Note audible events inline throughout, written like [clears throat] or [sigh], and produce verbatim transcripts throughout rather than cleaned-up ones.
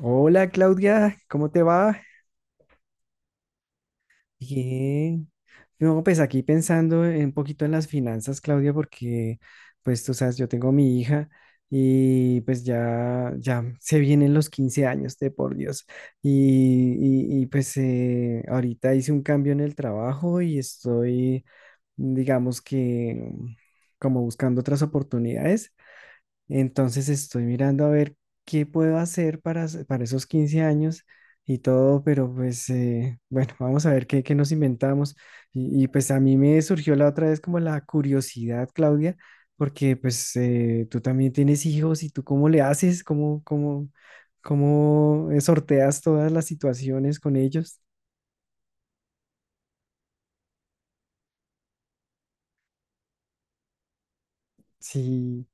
Hola Claudia, ¿cómo te va? Bien. No, pues aquí pensando en- un poquito en las finanzas, Claudia, porque pues tú sabes, yo tengo mi hija y pues ya, ya se vienen los quince años de por Dios. Y, y- y, pues eh, ahorita hice un cambio en el trabajo y estoy, digamos que como buscando otras oportunidades. Entonces estoy mirando a ver qué puedo hacer para, s- para esos quince años y todo, pero pues eh, bueno, [laughs] vamos a ver qué, qué nos inventamos. Y, y, pues a mí me surgió la otra vez como la curiosidad, Claudia, porque pues eh, tú también tienes hijos y tú cómo le haces, cómo, cómo, cómo eh, sorteas todas las situaciones con ellos. Sí,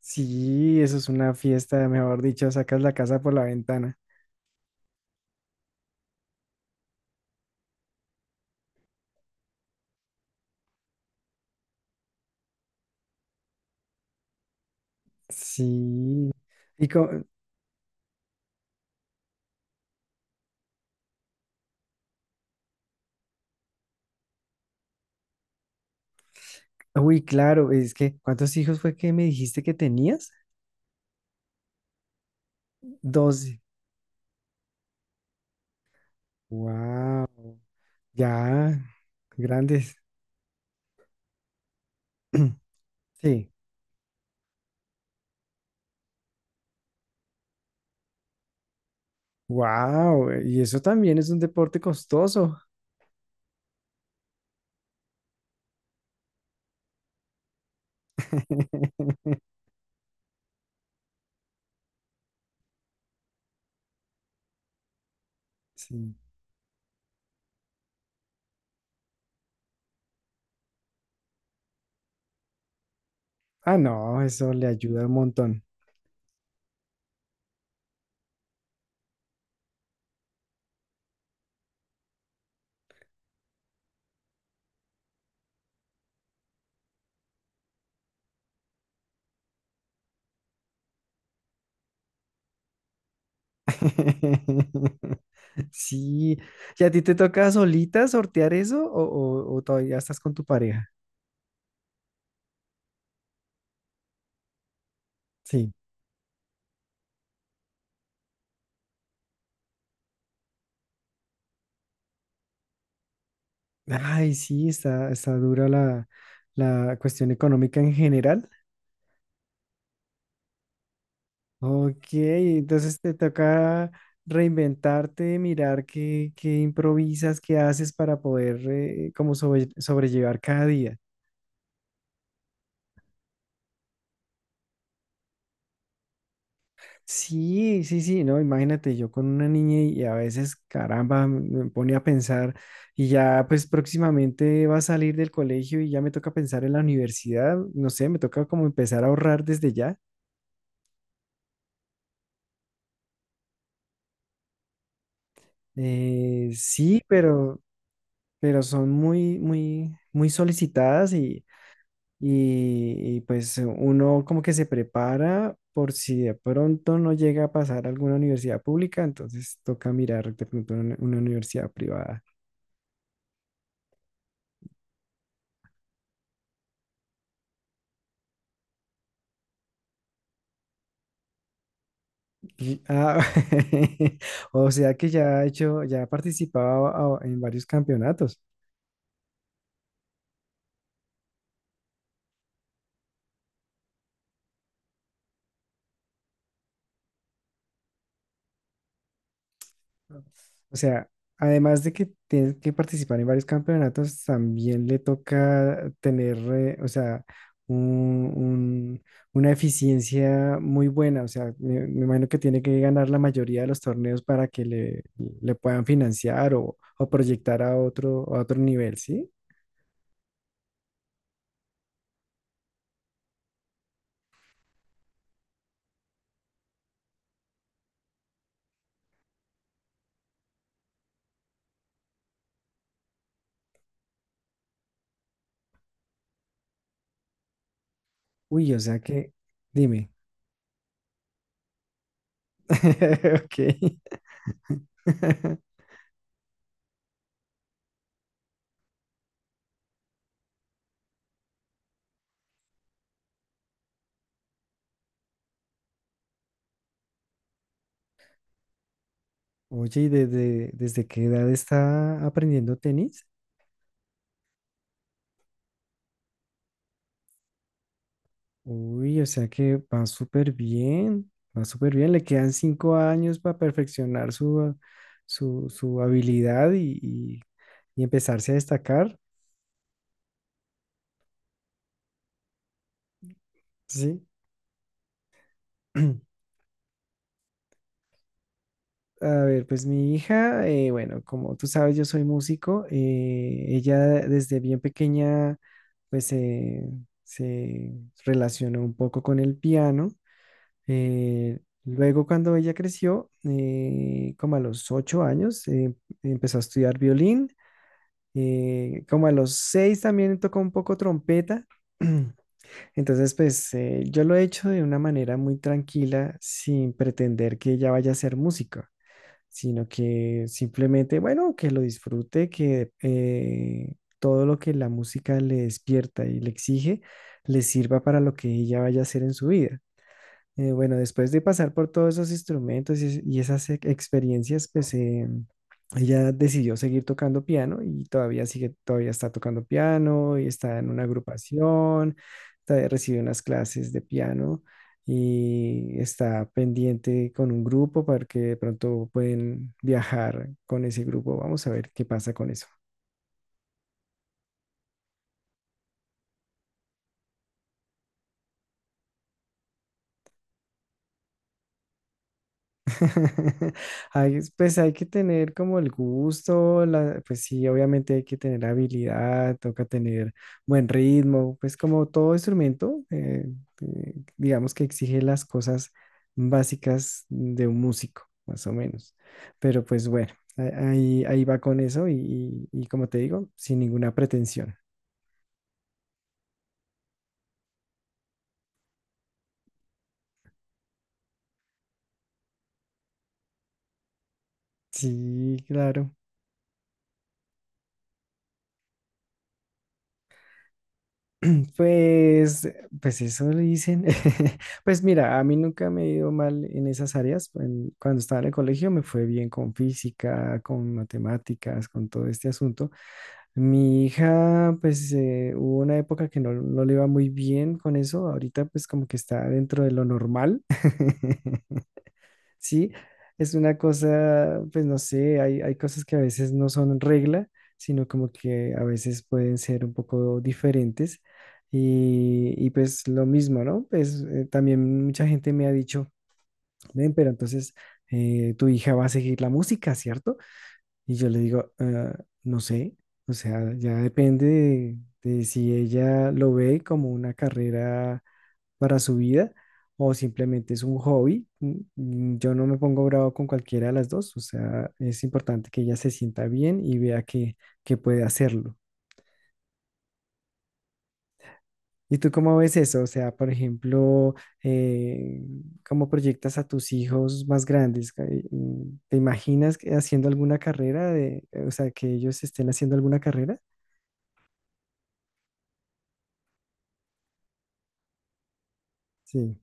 sí, eso es una fiesta, mejor dicho, sacas la casa por la ventana. Sí. ¿Y cómo? Uy, claro, es que, ¿cuántos hijos fue que me dijiste que tenías? Doce. Wow, ya, grandes. [clears throat] Sí, wow, y eso también es un deporte costoso. [laughs] Sí. Ah, no, eso le ayuda un montón. [laughs] Sí, ¿y a ti te toca solita sortear eso o, o- o todavía estás con tu pareja? Sí. Ay, sí, está, está dura la, la cuestión económica en general. Ok, entonces te toca reinventarte, mirar qué, qué improvisas, qué haces para poder eh, como sobre- sobrellevar cada día. Sí, sí, sí, no, imagínate yo con una niña y, y a veces, caramba, me me pone a pensar y ya pues próximamente va a salir del colegio y ya me toca pensar en la universidad, no sé, me toca como empezar a ahorrar desde ya. Eh, sí, pero, pero son muy, muy, muy solicitadas y... y, y, Pues uno como que se prepara por si de pronto no llega a pasar a alguna universidad pública, entonces toca mirar de pronto una, una universidad privada. Y- ah, [laughs] o sea que ya ha hecho, ya ha participado a- en varios campeonatos. O sea, además de que tienes que participar en varios campeonatos, también le toca tener, eh, o sea, un- un- una eficiencia muy buena. O sea, me, me imagino que tiene que ganar la mayoría de los torneos para que le, le puedan financiar o, o proyectar a otro, a otro nivel, ¿sí? Uy, o sea que, dime. [laughs] Ok. [laughs] Oye, ¿y desde, desde qué edad está aprendiendo tenis? Uy, o sea que va súper bien, va súper bien. Le quedan cinco años para perfeccionar su, su, su habilidad y, y- y empezarse a destacar, ¿sí? [clears throat] A ver, pues mi hija, eh, bueno, como tú sabes, yo soy músico. Eh, ella desde bien pequeña, pues eh, se relacionó un poco con el piano. eh, Luego, cuando ella creció, eh, como a los ocho años, eh, empezó a estudiar violín. Eh, como a los seis también tocó un poco trompeta. [clears throat] Entonces, pues eh, yo lo he hecho de una manera muy tranquila, sin pretender que ella vaya a ser músico, sino que simplemente, bueno, que lo disfrute, que eh, todo lo que la música le despierta y le exige, le sirva para lo que ella vaya a hacer en su vida. Eh, bueno, después de pasar por todos esos instrumentos y, y esas e- experiencias, pues eh, ella decidió seguir tocando piano y todavía sigue, todavía está tocando piano y está en una agrupación, todavía recibe unas clases de piano y está pendiente con un grupo para que de pronto pueden viajar con ese grupo. Vamos a ver qué pasa con eso. [laughs] Hay- pues hay que tener como el gusto, la- pues sí, obviamente hay que tener habilidad, toca tener buen ritmo, pues como todo instrumento, eh, eh, digamos que exige las cosas básicas de un músico, más o menos. Pero pues bueno, a- ahí, ahí va con eso y, y y como te digo, sin ninguna pretensión. Sí, claro. Pues, pues eso le dicen. [laughs] Pues mira, a mí nunca me he ido mal en esas áreas. En- cuando estaba en el colegio me fue bien con física, con matemáticas, con todo este asunto. Mi hija, pues eh, hubo una época que no, no le iba muy bien con eso. Ahorita pues como que está dentro de lo normal. [laughs] Sí, es una cosa, pues no sé, hay, hay cosas que a veces no son regla, sino como que a veces pueden ser un poco diferentes. Y, y pues lo mismo, ¿no? Pues eh, también mucha gente me ha dicho, ven, pero entonces eh, tu hija va a seguir la música, ¿cierto? Y yo le digo, "Ah, no sé, o sea, ya depende de de si ella lo ve como una carrera para su vida o simplemente es un hobby." Mm, mm, Yo no me pongo bravo con cualquiera de las dos, o sea, es importante que ella se sienta bien y vea que, que puede hacerlo. ¿Y tú cómo ves eso? O sea, por ejemplo, eh, ¿cómo proyectas a tus hijos más grandes? Eh, mm, ¿Te imaginas que haciendo alguna carrera de, o sea, que ellos estén haciendo alguna carrera? Sí,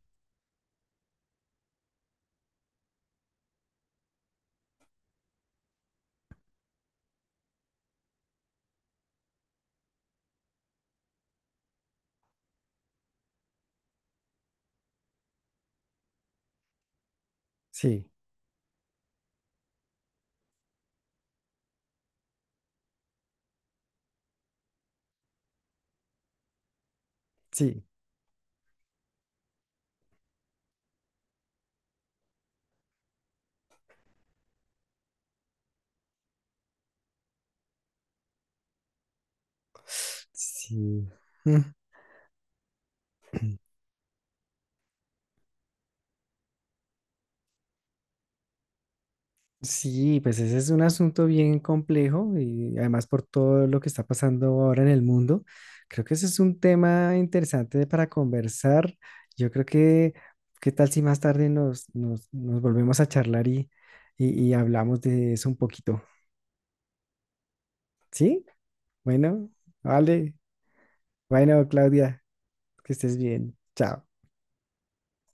sí, sí, sí. [sniffs] [clears throat] Sí, pues ese es un asunto bien complejo y además por todo lo que está pasando ahora en el mundo, creo que ese es un tema interesante para conversar. Yo creo que, ¿qué tal si más tarde nos, nos, nos volvemos a charlar y, y, y hablamos de eso un poquito? ¿Sí? Bueno, vale. Bueno, Claudia, que estés bien. Chao.